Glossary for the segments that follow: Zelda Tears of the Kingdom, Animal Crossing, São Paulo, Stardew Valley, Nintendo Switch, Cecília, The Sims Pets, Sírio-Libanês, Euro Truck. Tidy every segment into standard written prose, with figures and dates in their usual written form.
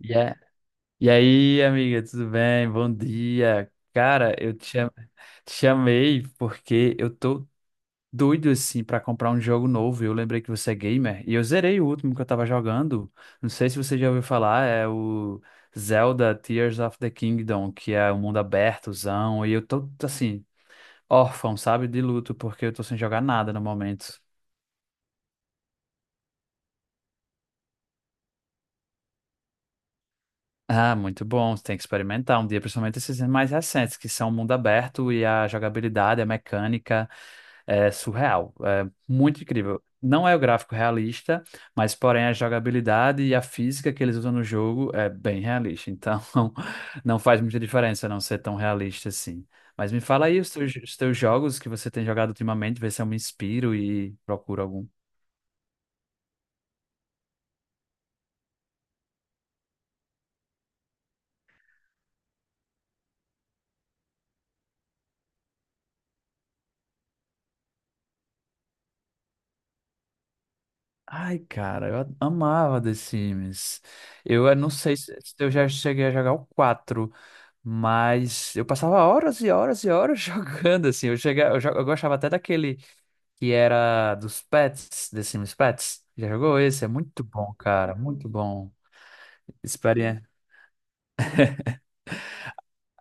E, a- e aí, amiga, tudo bem? Bom dia. Cara, te chamei porque eu tô doido assim pra comprar um jogo novo. Eu lembrei que você é gamer e eu zerei o último que eu tava jogando. Não sei se você já ouviu falar, é o Zelda Tears of the Kingdom, que é um mundo abertozão. E eu tô assim, órfão, sabe, de luto, porque eu tô sem jogar nada no momento. Ah, muito bom. Você tem que experimentar um dia, principalmente esses mais recentes, que são mundo aberto e a jogabilidade, a mecânica é surreal. É muito incrível. Não é o gráfico realista, mas porém a jogabilidade e a física que eles usam no jogo é bem realista. Então não faz muita diferença não ser tão realista assim. Mas me fala aí os teus jogos que você tem jogado ultimamente, vê se eu me inspiro e procuro algum. Ai, cara, amava The Sims. Eu, não sei se eu já cheguei a jogar o quatro, mas eu passava horas e horas e horas jogando, assim. Eu, cheguei, eu, jo- eu gostava até daquele que era dos pets, The Sims Pets. Já jogou esse? É muito bom, cara, muito bom. Experiência.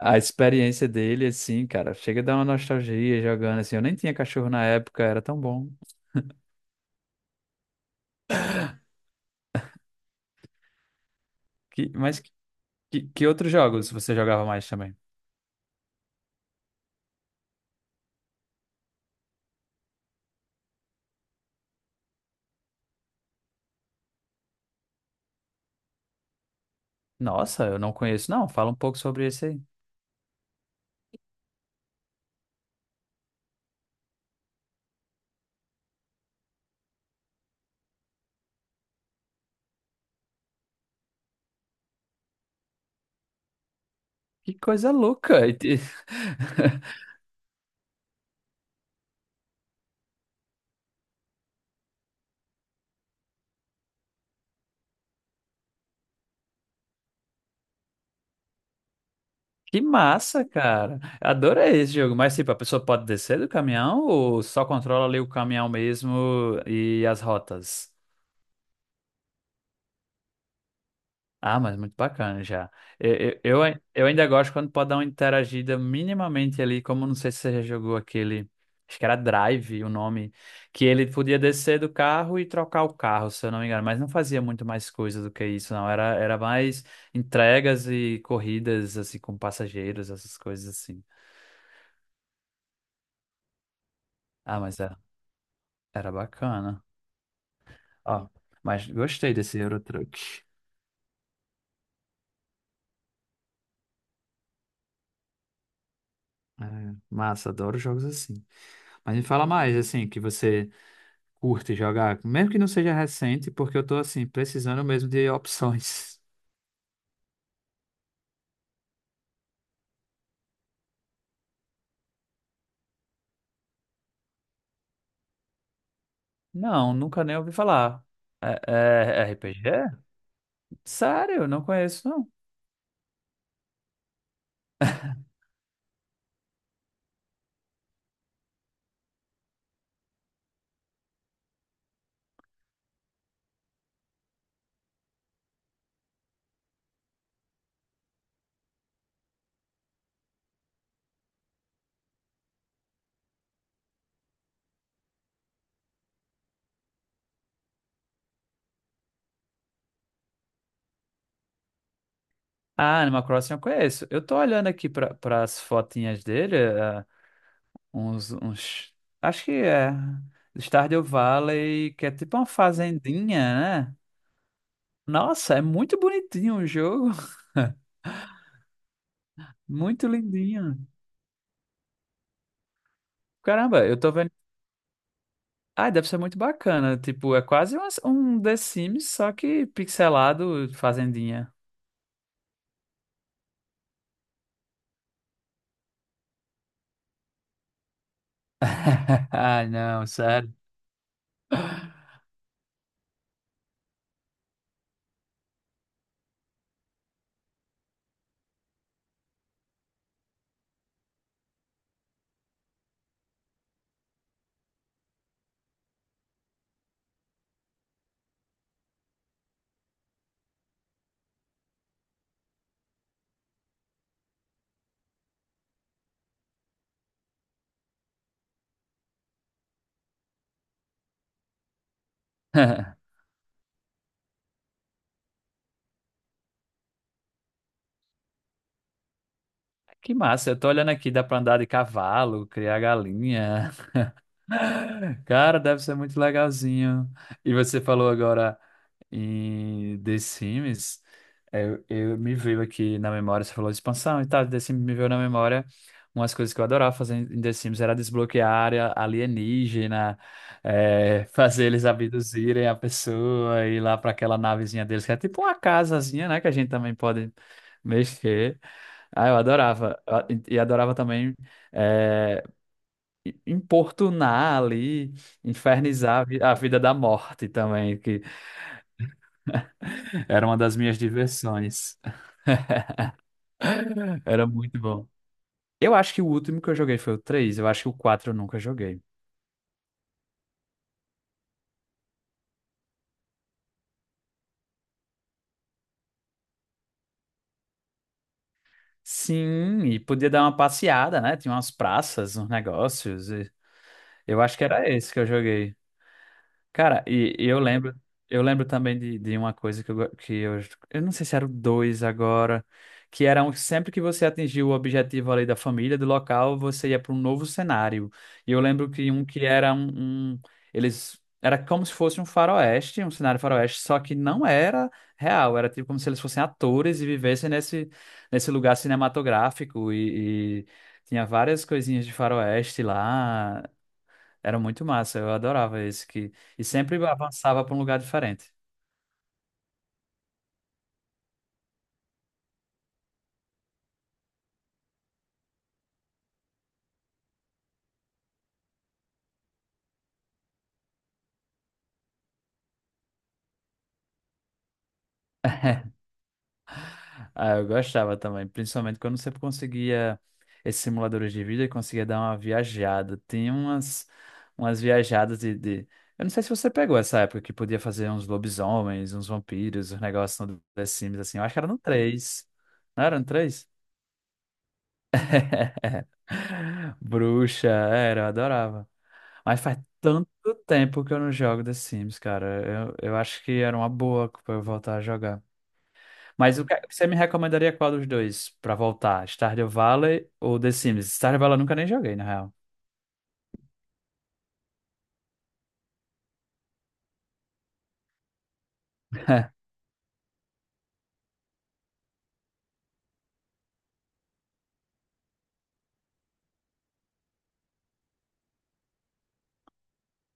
A experiência dele, assim, cara, chega a dar uma nostalgia jogando, assim. Eu nem tinha cachorro na época, era tão bom. Que, mas que outros jogos você jogava mais também? Nossa, eu não conheço, não. Fala um pouco sobre esse aí. Que coisa louca! E te- Que massa, cara! Adorei esse jogo. Mas, tipo, a pessoa pode descer do caminhão ou só controla ali o caminhão mesmo e as rotas? Ah, mas muito bacana já. Eu, eu ainda gosto quando pode dar uma interagida minimamente ali, como não sei se você já jogou aquele, acho que era Drive o nome, que ele podia descer do carro e trocar o carro, se eu não me engano, mas não fazia muito mais coisa do que isso, não. Era mais entregas e corridas, assim, com passageiros, essas coisas assim. Ah, mas era, era bacana. Ó, mas gostei desse Euro Truck. É, massa, adoro jogos assim. Mas me fala mais, assim, que você. Curte jogar, mesmo que não seja recente, porque eu tô assim, precisando mesmo de opções. Não, nunca nem ouvi falar. É, é RPG? Sério, eu não conheço, não. Ah, Animal Crossing eu conheço. Eu tô olhando aqui para as fotinhas dele, é, uns. Acho que é. Stardew Valley, que é tipo uma fazendinha, né? Nossa, é muito bonitinho o jogo. Muito lindinho. Caramba, eu tô vendo. Ah, deve ser muito bacana. Tipo, é quase umas- um The Sims, só que pixelado fazendinha. Ah, não, sério. Que massa, eu tô olhando aqui, dá pra andar de cavalo, criar galinha. Cara, deve ser muito legalzinho. E você falou agora em The Sims. É, eu me veio aqui na memória, você falou de expansão e tal, The Sims me veio na memória umas coisas que eu adorava fazer em The Sims era desbloquear a área alienígena, fazer eles abduzirem a pessoa, ir lá para aquela navezinha deles, que é tipo uma casazinha, né? Que a gente também pode mexer. Ah, eu adorava. Ah, e adorava também. é, importunar ali, infernizar a vida da morte também, que era uma das minhas diversões. Era muito bom. Eu acho que o último que eu joguei foi o três, eu acho que o 4 eu nunca joguei. Sim, e podia dar uma passeada, né? Tinha umas praças, uns negócios. E eu acho que era esse que eu joguei. Cara, eu lembro também de uma coisa que eu, go- que eu não sei se era o dois agora, que era um, sempre que você atingiu o objetivo ali da família, do local, você ia para um novo cenário. E eu lembro que um que era eles era como se fosse um faroeste, um cenário faroeste, só que não era real, era tipo como se eles fossem atores e vivessem nesse lugar cinematográfico e tinha várias coisinhas de faroeste lá. Era muito massa, eu adorava esse que e sempre avançava para um lugar diferente. Ah, eu gostava também, principalmente quando você conseguia esses simuladores de vida e conseguia dar uma viajada. Tinha umas umas viajadas. Eu não sei se você pegou essa época que podia fazer uns lobisomens, uns vampiros, uns negócios no The Sims assim. Eu acho que era no 3. Não era no 3? Bruxa, era, eu adorava. Mas faz tanto tempo que eu não jogo The Sims, cara. Eu acho que era uma boa pra eu voltar a jogar. Mas o que- é, você me recomendaria qual dos dois pra voltar? Stardew Valley ou The Sims? Stardew Valley eu nunca nem joguei, na real.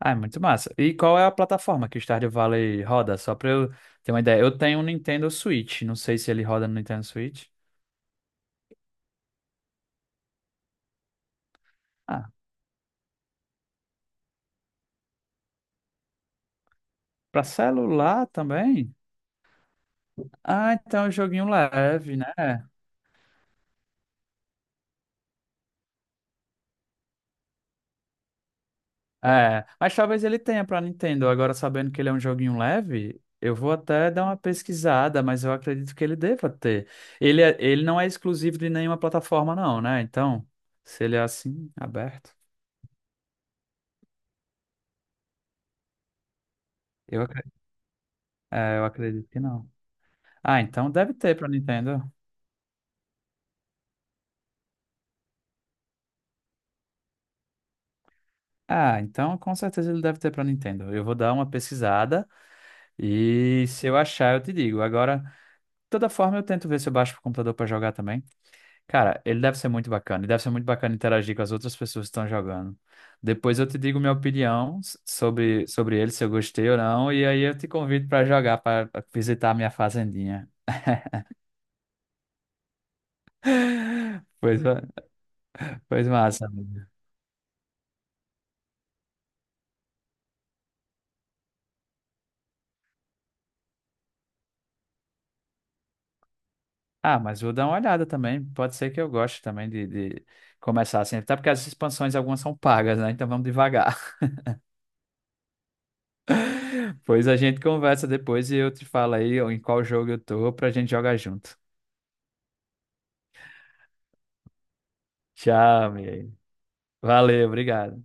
Ah, é muito massa. E qual é a plataforma que o Stardew Valley roda? Só pra eu ter uma ideia. Eu tenho um Nintendo Switch. Não sei se ele roda no Nintendo Switch. Ah, pra celular também? Ah, então é um joguinho leve, né? É, mas talvez ele tenha pra Nintendo. Agora, sabendo que ele é um joguinho leve, eu vou até dar uma pesquisada, mas eu acredito que ele deva ter. Ele, é- ele não é exclusivo de nenhuma plataforma, não, né? Então, se ele é assim, aberto, eu, acre- eu acredito que não. Ah, então deve ter pra Nintendo. Ah, então com certeza ele deve ter pra Nintendo. Eu vou dar uma pesquisada e se eu achar, eu te digo. Agora, de toda forma, eu tento ver se eu baixo pro computador pra jogar também. Cara, ele deve ser muito bacana. E deve ser muito bacana interagir com as outras pessoas que estão jogando. Depois eu te digo minha sobre, sobre ele, se eu gostei ou não. E aí eu te convido para jogar, para visitar a minha fazendinha. Pois, ma- pois massa, amigo. Ah, mas vou dar uma olhada também. Pode ser que eu goste também de começar assim. Até porque as expansões algumas são pagas, né? Então vamos devagar. Pois a gente conversa depois e eu te falo aí em qual jogo eu tô pra gente jogar junto. Tchau, amigo. Valeu, obrigado.